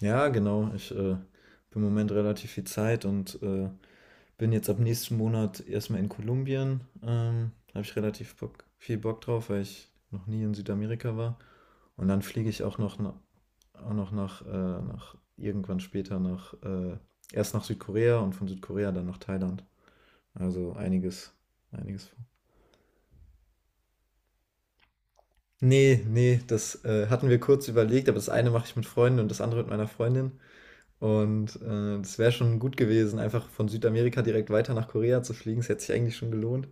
Ja, genau. Ich habe im Moment relativ viel Zeit und bin jetzt ab nächsten Monat erstmal in Kolumbien. Habe ich relativ Bock, viel Bock drauf, weil ich noch nie in Südamerika war. Und dann fliege ich auch noch, na, auch noch nach irgendwann später nach erst nach Südkorea und von Südkorea dann nach Thailand. Also einiges vor. Nee, nee, das hatten wir kurz überlegt, aber das eine mache ich mit Freunden und das andere mit meiner Freundin. Und, das wäre schon gut gewesen, einfach von Südamerika direkt weiter nach Korea zu fliegen. Es hätte sich eigentlich schon gelohnt.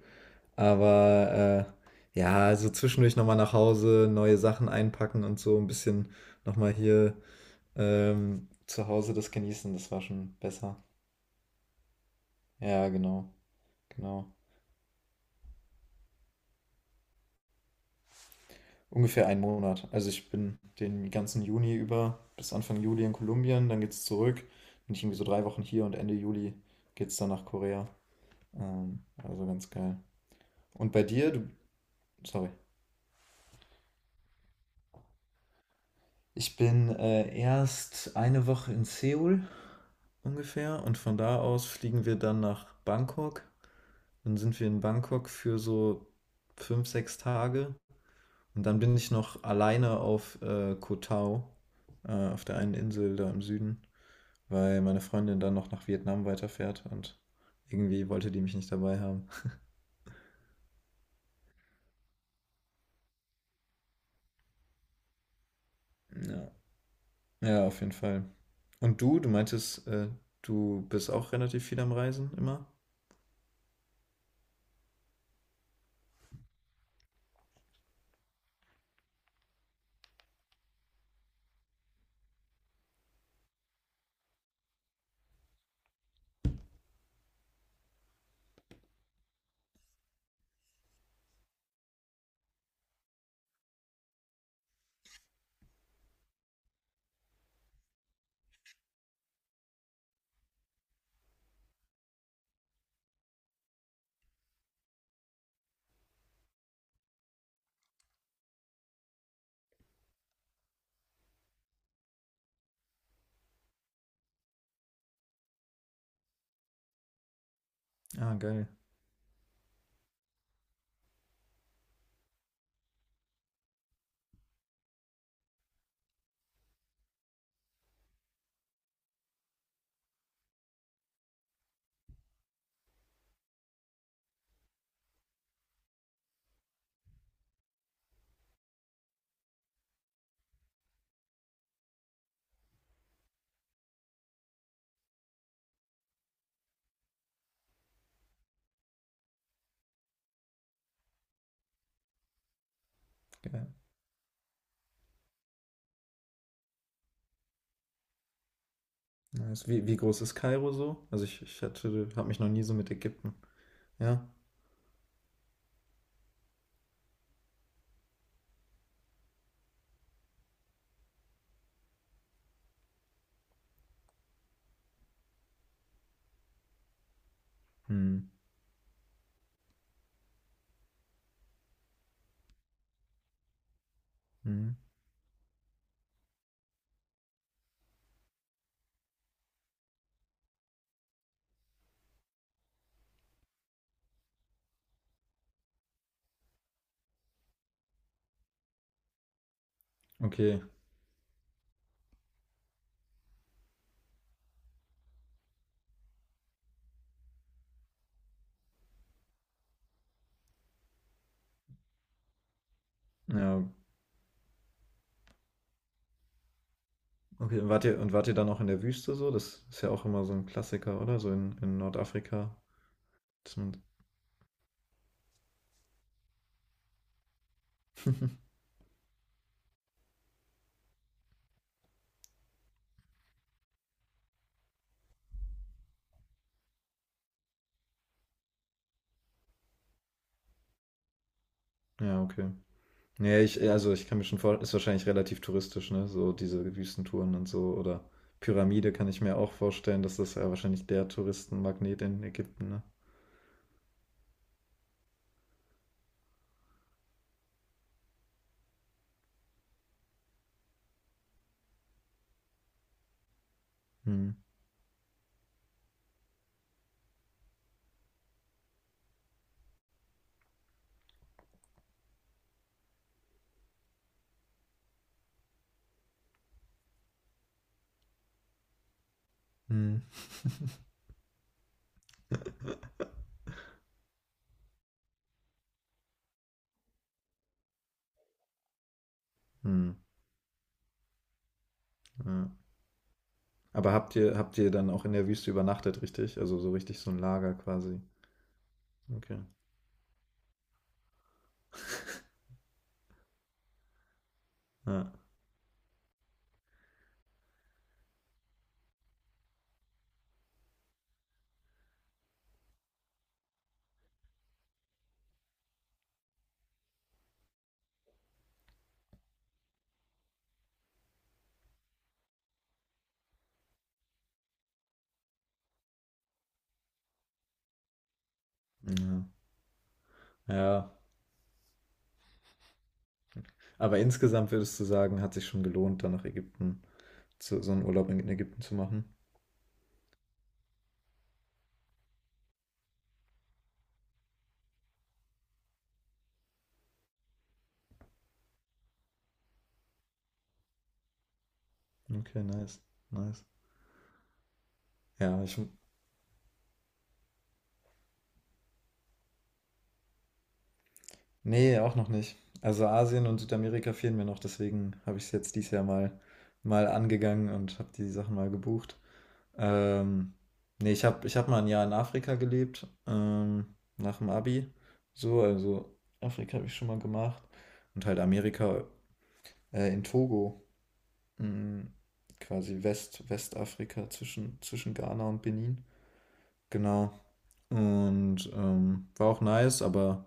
Aber, ja, also zwischendurch noch mal nach Hause, neue Sachen einpacken und so ein bisschen noch mal hier, zu Hause das genießen, das war schon besser. Ja, genau, genau. Ungefähr ein Monat. Also, ich bin den ganzen Juni über bis Anfang Juli in Kolumbien, dann geht's zurück. Bin ich irgendwie so 3 Wochen hier und Ende Juli geht's dann nach Korea. Also ganz geil. Und bei dir? Du, sorry. Ich bin erst eine Woche in Seoul ungefähr und von da aus fliegen wir dann nach Bangkok. Dann sind wir in Bangkok für so 5, 6 Tage und dann bin ich noch alleine auf Koh Tao, auf der einen Insel da im Süden, weil meine Freundin dann noch nach Vietnam weiterfährt und irgendwie wollte die mich nicht dabei haben. Ja, ja, auf jeden Fall. Und du meintest, du bist auch relativ viel am Reisen immer? Ah, geil, geil. Nice. Wie groß ist Kairo so? Also ich hatte, habe mich noch nie so mit Ägypten. Ja. Hm. Hm. Okay. Ja. Okay. Und wart ihr dann auch in der Wüste so? Das ist ja auch immer so ein Klassiker, oder? So in Nordafrika. Dass man, ja, okay. Nee, also ich kann mir schon vorstellen, ist wahrscheinlich relativ touristisch, ne? So diese Wüstentouren und so. Oder Pyramide kann ich mir auch vorstellen, dass das ja wahrscheinlich der Touristenmagnet in Ägypten, ne? Hm. Hm. Hm. Ja. Aber habt ihr dann auch in der Wüste übernachtet, richtig? Also so richtig so ein Lager quasi. Okay. Ja. Ja. Ja. Aber insgesamt würdest du sagen, hat sich schon gelohnt, dann nach Ägypten, zu, so einen Urlaub in Ägypten zu machen. Okay, nice. Nice. Ja, ich, nee, auch noch nicht. Also Asien und Südamerika fehlen mir noch, deswegen habe ich es jetzt dieses Jahr mal angegangen und habe die Sachen mal gebucht. Ähm, nee, ich hab mal ein Jahr in Afrika gelebt, nach dem Abi. So, also Afrika habe ich schon mal gemacht. Und halt Amerika in Togo, mm, quasi Westafrika zwischen Ghana und Benin. Genau. Und war auch nice, aber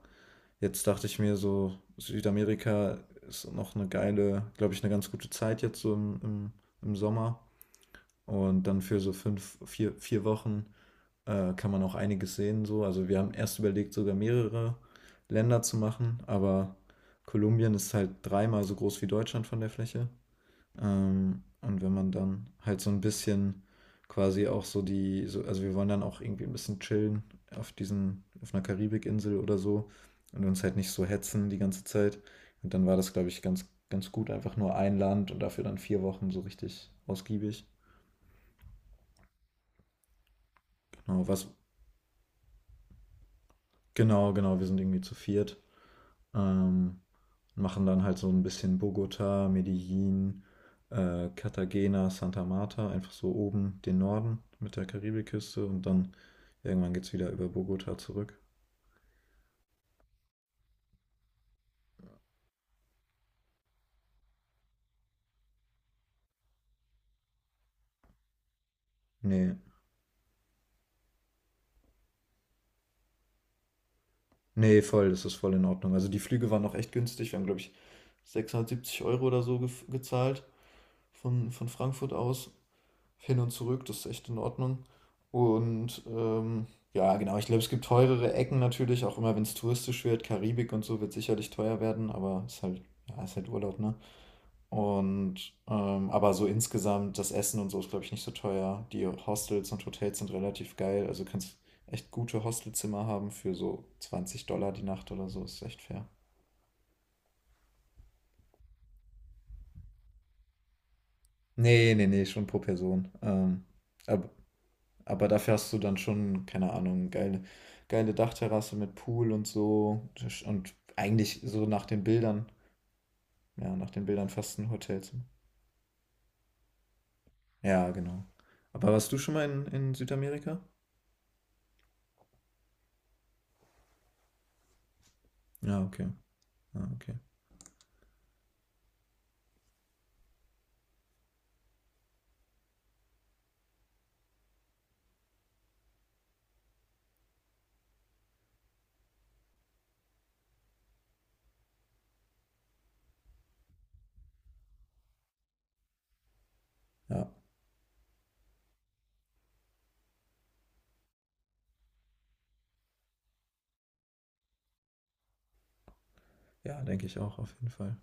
jetzt dachte ich mir so, Südamerika ist noch eine geile, glaube ich, eine ganz gute Zeit jetzt so im Sommer. Und dann für so fünf, vier Wochen kann man auch einiges sehen. So. Also wir haben erst überlegt, sogar mehrere Länder zu machen, aber Kolumbien ist halt dreimal so groß wie Deutschland von der Fläche. Und wenn man dann halt so ein bisschen quasi auch so die, so, also wir wollen dann auch irgendwie ein bisschen chillen auf diesen, auf einer Karibikinsel oder so und uns halt nicht so hetzen die ganze Zeit. Und dann war das, glaube ich, ganz, ganz gut, einfach nur ein Land und dafür dann 4 Wochen so richtig ausgiebig. Genau, was, genau, wir sind irgendwie zu viert. Ähm, machen dann halt so ein bisschen Bogota, Medellin, Cartagena, Santa Marta, einfach so oben den Norden mit der Karibikküste und dann irgendwann geht's wieder über Bogota zurück. Nee, nee, voll, das ist voll in Ordnung. Also die Flüge waren noch echt günstig. Wir haben, glaube ich, 670 Euro oder so gezahlt von Frankfurt aus. Hin und zurück, das ist echt in Ordnung. Und ja, genau, ich glaube, es gibt teurere Ecken natürlich, auch immer wenn es touristisch wird. Karibik und so wird sicherlich teuer werden, aber ist halt, ja, ist halt Urlaub, ne? Und aber so insgesamt, das Essen und so ist, glaube ich, nicht so teuer. Die Hostels und Hotels sind relativ geil. Also kannst echt gute Hostelzimmer haben für so $20 die Nacht oder so. Ist echt fair. Nee, nee, nee, schon pro Person. Ab, Aber dafür hast du dann schon, keine Ahnung, geile, geile Dachterrasse mit Pool und so. Und eigentlich so nach den Bildern, ja, nach den Bildern fast ein Hotelzimmer. Ja, genau. Aber warst du schon mal in Südamerika? Ja, okay. Ja, okay. Ja, ja, denke ich auch auf jeden Fall.